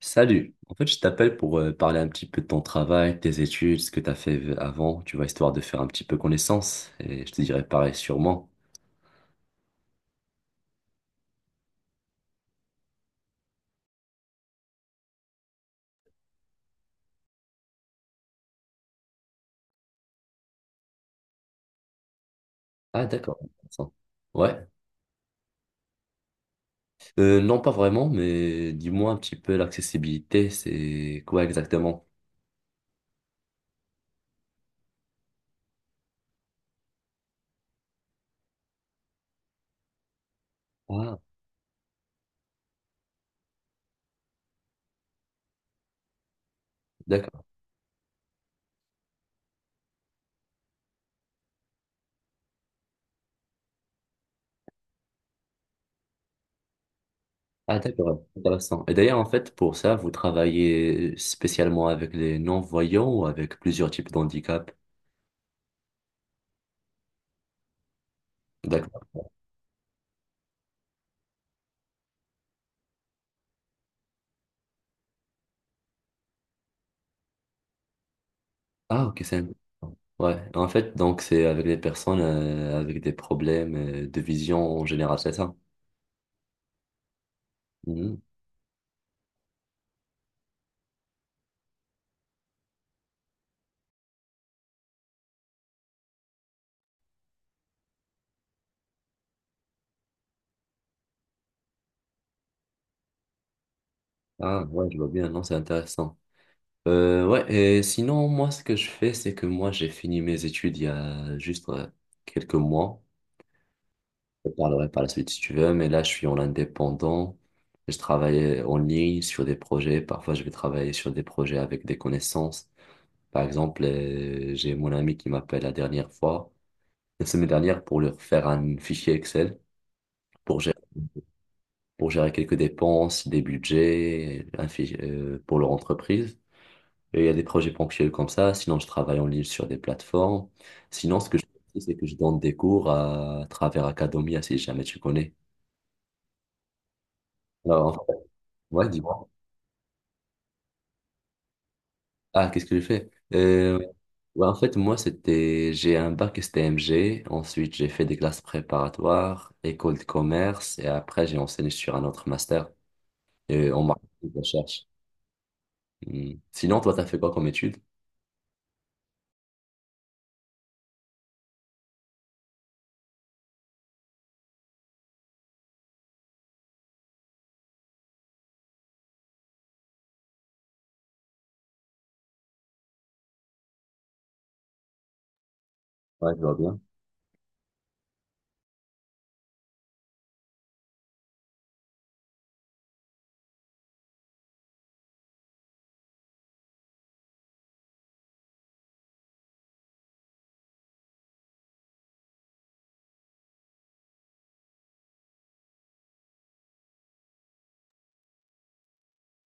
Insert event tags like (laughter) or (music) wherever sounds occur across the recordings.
Salut. En fait, je t'appelle pour parler un petit peu de ton travail, tes études, ce que tu as fait avant, tu vois, histoire de faire un petit peu connaissance. Et je te dirai pareil sûrement. Ah, d'accord. Intéressant. Ouais. Non, pas vraiment, mais dis-moi un petit peu l'accessibilité, c'est quoi exactement? Ah, d'accord. Ah, d'accord. Intéressant. Et d'ailleurs, en fait, pour ça, vous travaillez spécialement avec les non-voyants ou avec plusieurs types d'handicap? D'accord. Ah, ok, Ouais, en fait, donc c'est avec des personnes avec des problèmes de vision en général, c'est ça? Mhm. Ah, ouais, je vois bien, non, c'est intéressant. Ouais, et sinon, moi, ce que je fais, c'est que moi, j'ai fini mes études il y a juste quelques mois. Je parlerai par la suite si tu veux, mais là, je suis en indépendant. Je travaille en ligne sur des projets. Parfois, je vais travailler sur des projets avec des connaissances. Par exemple, j'ai mon ami qui m'appelle la dernière fois, la semaine dernière pour leur faire un fichier Excel pour gérer, pour gérer quelques dépenses, des budgets, un fichier, pour leur entreprise. Et il y a des projets ponctuels comme ça. Sinon, je travaille en ligne sur des plateformes. Sinon, ce que je fais, c'est que je donne des cours à travers Academia, si jamais tu connais. Alors, en fait, ouais, dis-moi. Ah, qu'est-ce que je fais? Ouais, en fait, moi, j'ai un bac STMG. Ensuite, j'ai fait des classes préparatoires, école de commerce. Et après, j'ai enseigné sur un autre master en marketing de recherche. Hmm. Sinon, toi, t'as fait quoi comme étude? Ouais, je vois bien.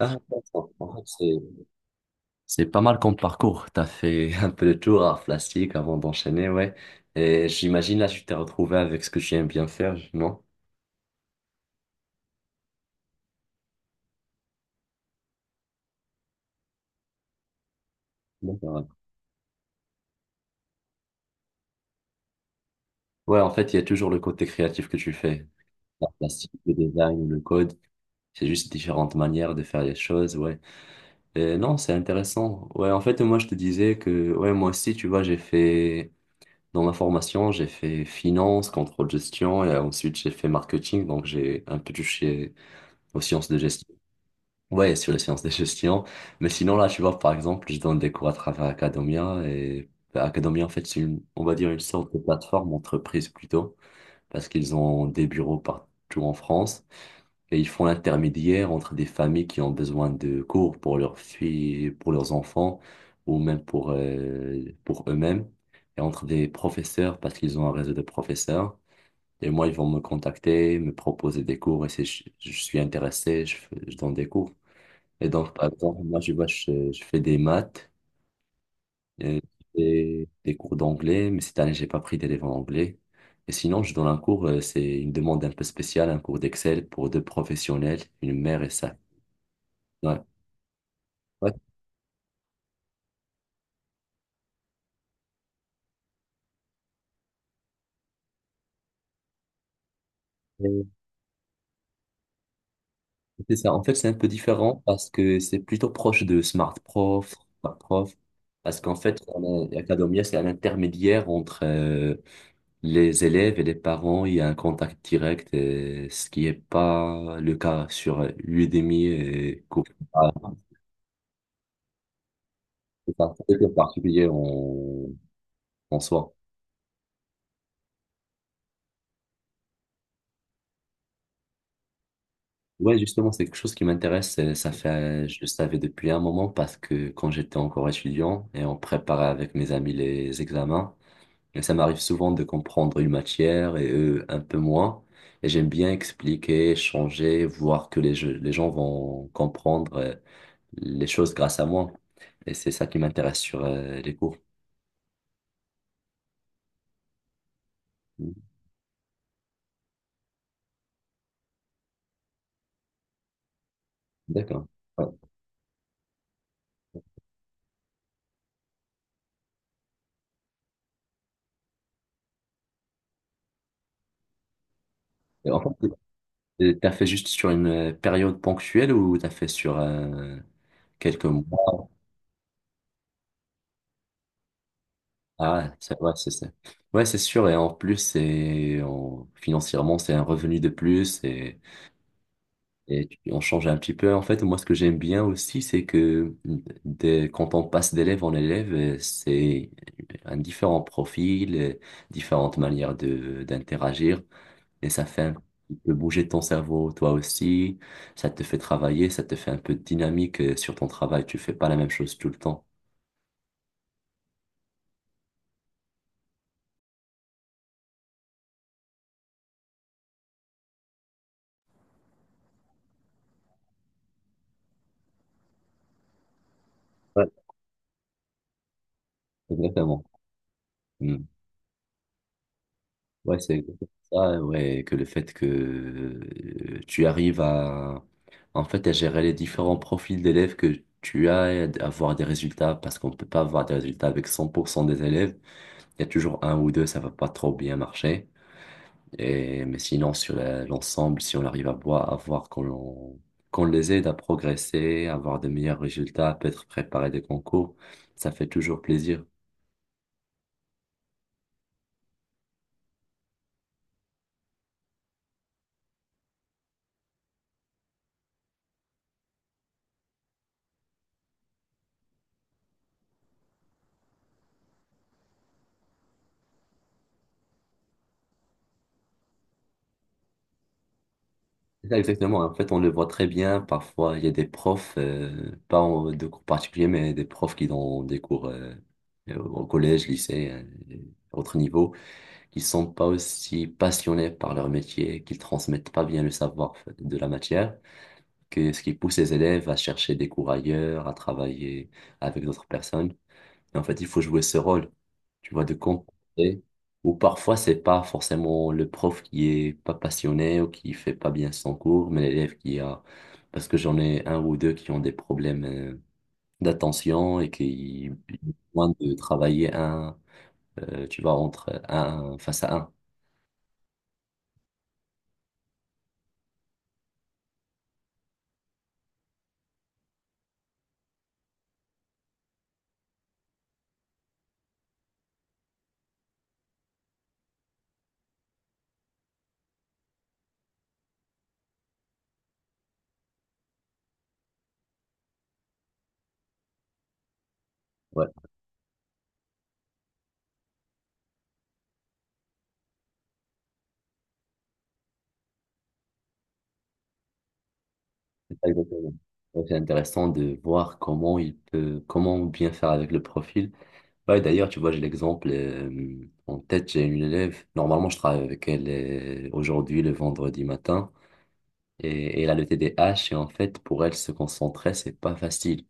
Ah, intéressant. En fait, c'est... C'est pas mal comme parcours. T'as fait (laughs) un peu de tour à plastique avant d'enchaîner, ouais. Et j'imagine là, tu t'es retrouvé avec ce que tu aimes bien faire, non? D'accord. Ouais, en fait, il y a toujours le côté créatif que tu fais. La plastique, le design, le code. C'est juste différentes manières de faire les choses, ouais. Et non, c'est intéressant. Ouais, en fait, moi, je te disais que, ouais, moi aussi, tu vois, j'ai fait dans ma formation, j'ai fait finance, contrôle gestion et ensuite j'ai fait marketing, donc j'ai un peu touché aux sciences de gestion. Ouais, sur les sciences de gestion. Mais sinon, là, tu vois, par exemple, je donne des cours à travers Academia et bah, Academia, en fait, c'est une, on va dire une sorte de plateforme entreprise plutôt, parce qu'ils ont des bureaux partout en France. Et ils font l'intermédiaire entre des familles qui ont besoin de cours pour leurs filles, pour leurs enfants, ou même pour eux-mêmes, et entre des professeurs, parce qu'ils ont un réseau de professeurs. Et moi, ils vont me contacter, me proposer des cours, et si je, je suis intéressé, je donne des cours. Et donc, par exemple, moi, je vois, je fais des maths, et des cours d'anglais, mais cette année, j'ai pas pris d'élèves en anglais. Et sinon, je donne un cours, c'est une demande un peu spéciale, un cours d'Excel pour deux professionnels, une mère et sa. Ouais. Ouais, c'est c'est ça. En fait, c'est un peu différent parce que c'est plutôt proche de Smart Prof, Smart Prof. Parce qu'en fait, Acadomia, c'est un intermédiaire entre les élèves et les parents. Il y a un contact direct, ce qui n'est pas le cas sur Udemy et Coursera. C'est pas particulier en en soi. Ouais, justement, c'est quelque chose qui m'intéresse. Ça fait, je le savais depuis un moment parce que quand j'étais encore étudiant et on préparait avec mes amis les examens. Et ça m'arrive souvent de comprendre une matière et eux un peu moins. Et j'aime bien expliquer, changer, voir que les gens vont comprendre les choses grâce à moi. Et c'est ça qui m'intéresse sur les cours. D'accord. Ouais. Et en fait, t'as fait juste sur une période ponctuelle ou t'as fait sur quelques mois? Ah, c'est ouais, c'est ça. Ouais, c'est sûr. Et en plus, financièrement, c'est un revenu de plus. Et tu- on change un petit peu. En fait, moi, ce que j'aime bien aussi, c'est que quand on passe d'élève en élève, c'est un différent profil, différentes manières de d'interagir. Et ça fait un petit peu bouger ton cerveau, toi aussi. Ça te fait travailler, ça te fait un peu de dynamique sur ton travail. Tu fais pas la même chose tout le temps. Ouais. Exactement. Hmm. Ouais, c'est exactement ça, ouais, que le fait que tu arrives à, en fait, à gérer les différents profils d'élèves que tu as et à avoir des résultats, parce qu'on ne peut pas avoir des résultats avec 100% des élèves. Il y a toujours un ou deux, ça va pas trop bien marcher. Et, mais sinon, l'ensemble, si on arrive à voir qu'on qu'on les aide à progresser, à avoir de meilleurs résultats, à peut-être préparer des concours, ça fait toujours plaisir. Ça, exactement. En fait, on le voit très bien. Parfois, il y a des profs, pas en- de cours particuliers, mais des profs qui donnent des cours au collège, lycée, à autre niveau, qui sont pas aussi passionnés par leur métier, qui transmettent pas bien le savoir de la matière, que ce qui pousse les élèves à chercher des cours ailleurs, à travailler avec d'autres personnes. Et en fait, il faut jouer ce rôle, tu vois, de compenser. Ou parfois, c'est pas forcément le prof qui est pas passionné ou qui fait pas bien son cours, mais parce que j'en ai un ou deux qui ont des problèmes d'attention et qui ont besoin de travailler tu vois, entre un face à un. Ouais, c'est ça exactement. Donc, c'est intéressant de voir comment il peut, comment bien faire avec le profil. Ouais, d'ailleurs, tu vois, j'ai l'exemple en tête, j'ai une élève, normalement je travaille avec elle aujourd'hui, le vendredi matin, et elle a le TDAH et en fait, pour elle, se concentrer, c'est pas facile.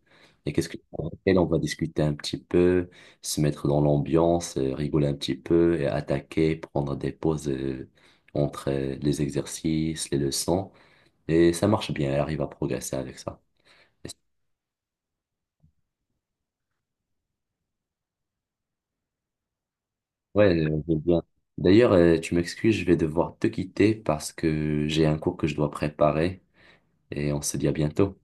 Et qu'est-ce que avec elle, on va discuter un petit peu, se mettre dans l'ambiance, rigoler un petit peu, et attaquer, prendre des pauses entre les exercices, les leçons, et ça marche bien, elle arrive à progresser avec ça. Ouais, je veux bien. D'ailleurs, tu m'excuses, je vais devoir te quitter parce que j'ai un cours que je dois préparer et on se dit à bientôt.